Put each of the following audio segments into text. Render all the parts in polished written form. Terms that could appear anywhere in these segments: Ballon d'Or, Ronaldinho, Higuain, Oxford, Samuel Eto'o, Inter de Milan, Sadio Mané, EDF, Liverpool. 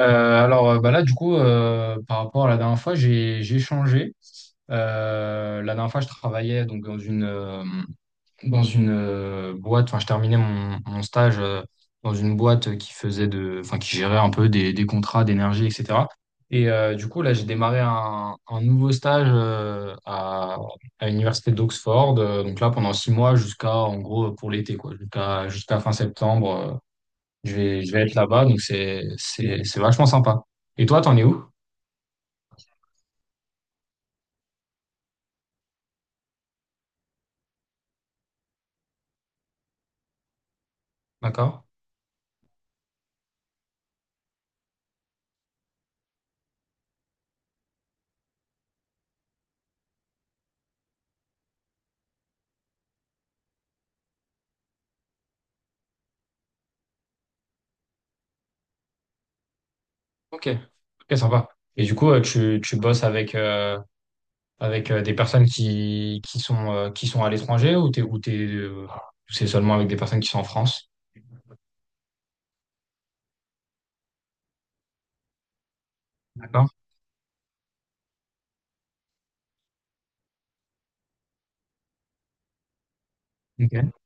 Bah là, du coup, par rapport à la dernière fois, j'ai changé. La dernière fois, je travaillais donc dans une boîte. Enfin, je terminais mon stage, dans une boîte qui faisait de, enfin, qui gérait un peu des contrats d'énergie, etc. Du coup, là, j'ai démarré un nouveau stage, à l'université d'Oxford. Donc là, pendant 6 mois, jusqu'à en gros pour l'été, quoi, jusqu'à fin septembre. Je vais être là-bas, donc c'est vachement sympa. Et toi, t'en es où? D'accord? Ok. Ok, sympa. Et du coup, tu bosses avec des personnes qui sont à l'étranger, ou t'es, c'est seulement avec des personnes qui sont en France? D'accord? Ok.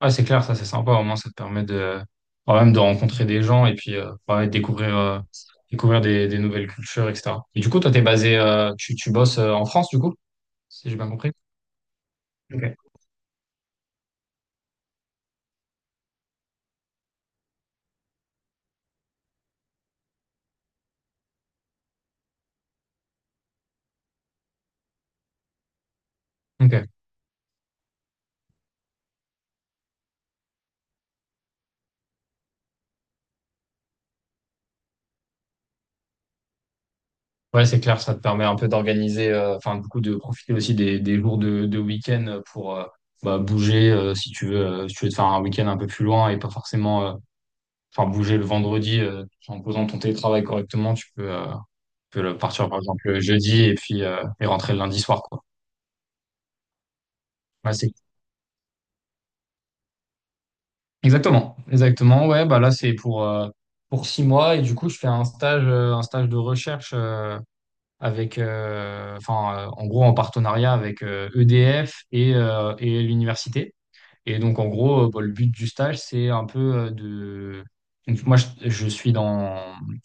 Ouais, c'est clair, ça, c'est sympa. Au moins, ça te permet de, quand même de rencontrer des gens et puis, ouais, découvrir des nouvelles cultures, etc. Et du coup, toi, t'es tu bosses, en France, du coup? Si j'ai bien compris. Ok. Ok. Ouais, c'est clair, ça te permet un peu d'organiser, enfin, du coup, de profiter aussi des jours de week-end pour, bah, bouger, si tu veux, si tu veux te faire un week-end un peu plus loin et pas forcément, enfin, bouger le vendredi, en posant ton télétravail correctement, tu peux partir par exemple le jeudi et puis rentrer le lundi soir, quoi. Ouais, c'est exactement, exactement. Ouais, bah là, c'est pour 6 mois et du coup, je fais un stage de recherche. En gros, en partenariat avec EDF et l'université. Et donc, en gros, bah, le but du stage, c'est un peu de. Donc, moi, je suis dans.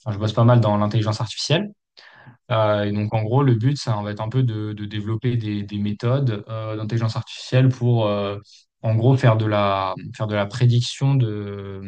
Enfin, je bosse pas mal dans l'intelligence artificielle. Et donc, en gros, le but, ça va être un peu de développer des méthodes, d'intelligence artificielle pour, en gros, faire de la prédiction de,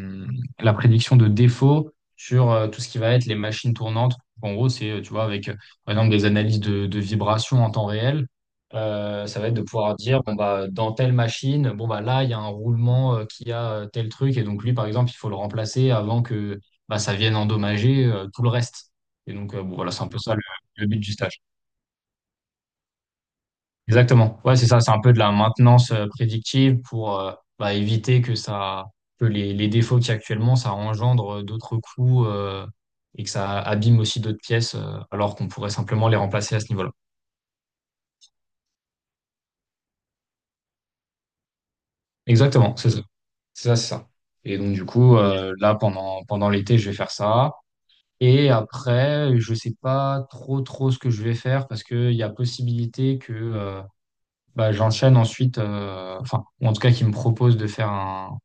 la prédiction de défauts sur, tout ce qui va être les machines tournantes. En gros, c'est, tu vois, par exemple, des analyses de vibrations en temps réel. Ça va être de pouvoir dire, bon, bah, dans telle machine, bon, bah, là, il y a un roulement, qui a tel truc. Et donc, lui, par exemple, il faut le remplacer avant que bah, ça vienne endommager tout le reste. Et donc, bon, voilà, c'est un peu ça le but du stage. Exactement. Ouais, c'est ça. C'est un peu de la maintenance prédictive pour, bah, éviter que ça, que les défauts qu'il y a actuellement, ça engendre d'autres coûts et que ça abîme aussi d'autres pièces, alors qu'on pourrait simplement les remplacer à ce niveau-là. Exactement. C'est ça. C'est ça, c'est ça. Et donc, du coup, là, pendant l'été, je vais faire ça. Et après, je sais pas trop ce que je vais faire parce qu'il y a possibilité que bah, j'enchaîne ensuite, enfin, ou en tout cas, qu'ils me proposent de faire un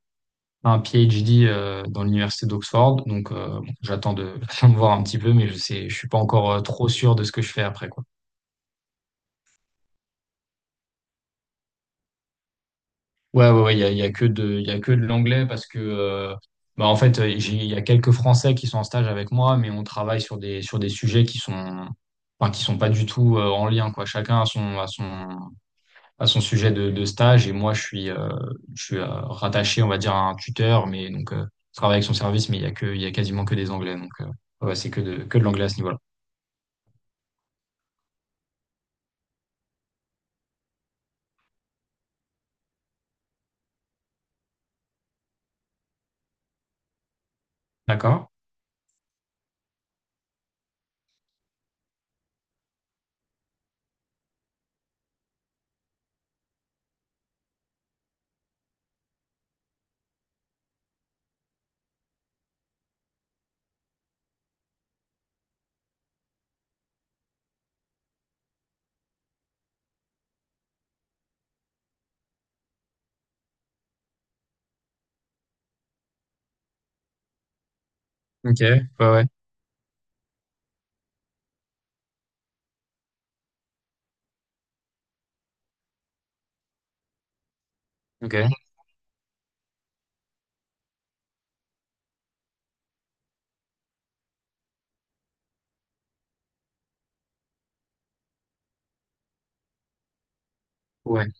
un PhD dans l'université d'Oxford. Donc, bon, j'attends de voir un petit peu, mais je suis pas encore trop sûr de ce que je fais après, quoi. Ouais, ouais, ouais, il y a que de, il y a que de l'anglais parce que, bah, en fait, il y a quelques Français qui sont en stage avec moi, mais on travaille sur des sujets qui sont, enfin, qui sont pas du tout en lien, quoi. Chacun a a son sujet de stage et moi, je suis rattaché, on va dire, à un tuteur, mais donc, je travaille avec son service, mais il y a quasiment que des anglais, donc, ouais, c'est que de l'anglais à ce niveau-là. D'accord. OK. Ouais, ouais. OK. Ouais.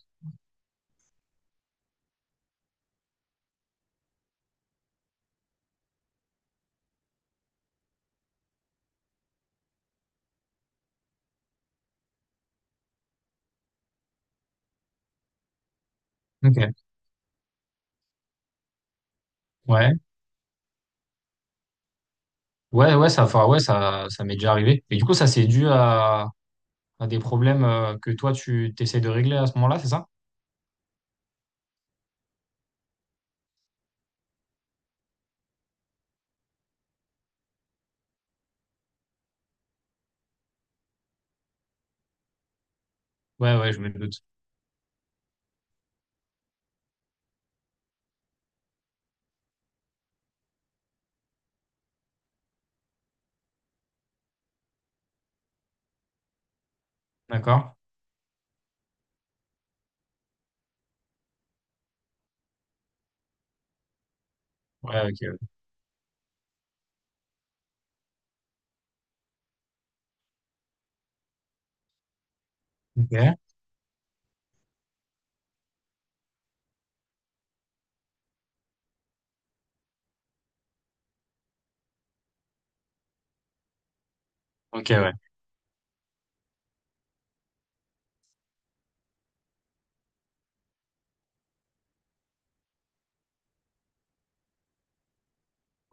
OK. Ouais. Ouais, ouais, ça, enfin, ouais, ça m'est déjà arrivé. Et du coup, ça, c'est dû à des problèmes, que toi, tu t'essayes de régler à ce moment-là, c'est ça? Ouais, ouais, je me doute. D'accord. Ouais, OK. ouais. OK. OK, ouais.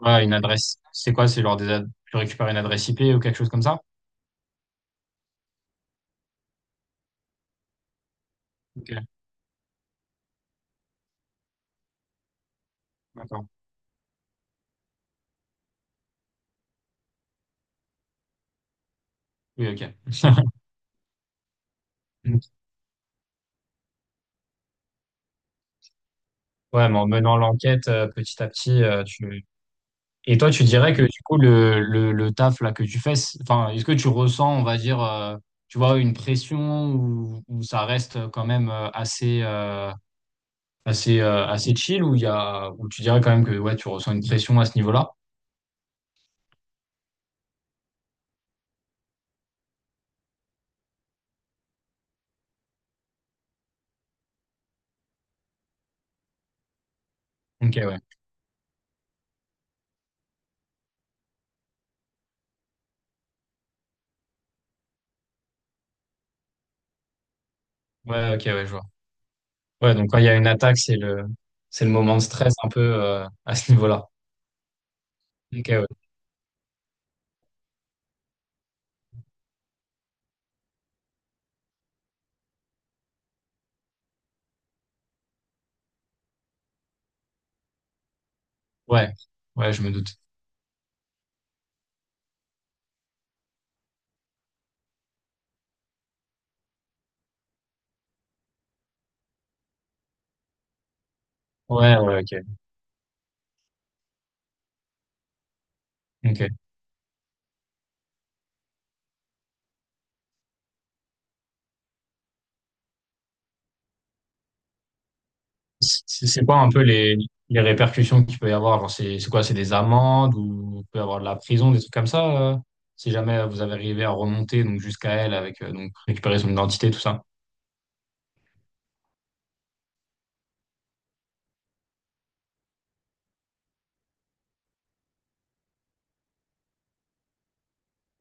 Ouais, une adresse. C'est quoi? C'est genre des ad... tu récupères une adresse IP ou quelque chose comme ça? OK. D'accord. Oui, OK. Ok. Ouais, mais en menant l'enquête, petit à petit. Et toi, tu dirais que du coup, le taf là que tu fais, enfin, est-ce que tu ressens, on va dire, tu vois, une pression ou ça reste quand même assez chill ou il y a, ou tu dirais quand même que ouais, tu ressens une pression à ce niveau-là? Ok, ouais. Ouais, ok, ouais, je vois. Ouais, donc quand il y a une attaque, c'est le moment de stress un peu, à ce niveau-là. Ok, ouais. Ouais, ouais, je me doute. Ouais, ouais, ok. Ok. C'est quoi un peu les répercussions qu'il peut y avoir? Genre, c'est quoi? C'est des amendes ou il peut y avoir de la prison, des trucs comme ça, si jamais vous avez arrivé à remonter donc jusqu'à elle avec, donc récupérer son identité, tout ça.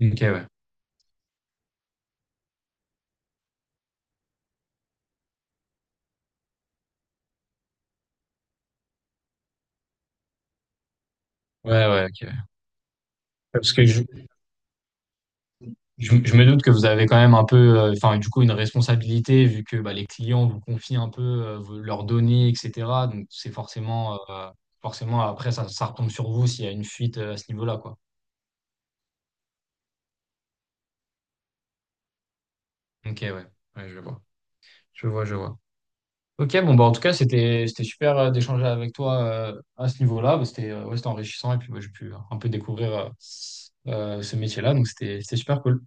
Ok, ouais. Ouais, ouais, ok. Parce que je me doute que vous avez quand même un peu, enfin, du coup, une responsabilité vu que bah, les clients vous confient un peu leurs données, etc. Donc, c'est forcément, après, ça retombe sur vous s'il y a une fuite, à ce niveau-là, quoi. Ok, ouais. Ouais, je vois. Je vois, je vois. Ok, bon, bah, en tout cas, c'était super d'échanger avec toi, à ce niveau-là. Bah, c'était ouais, c'était enrichissant et puis bah, j'ai pu un peu découvrir ce métier-là. Donc, c'était super cool.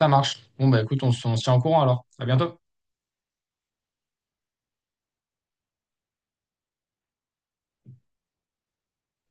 Ça marche. Bon, bah, écoute, on se tient au courant alors. À bientôt.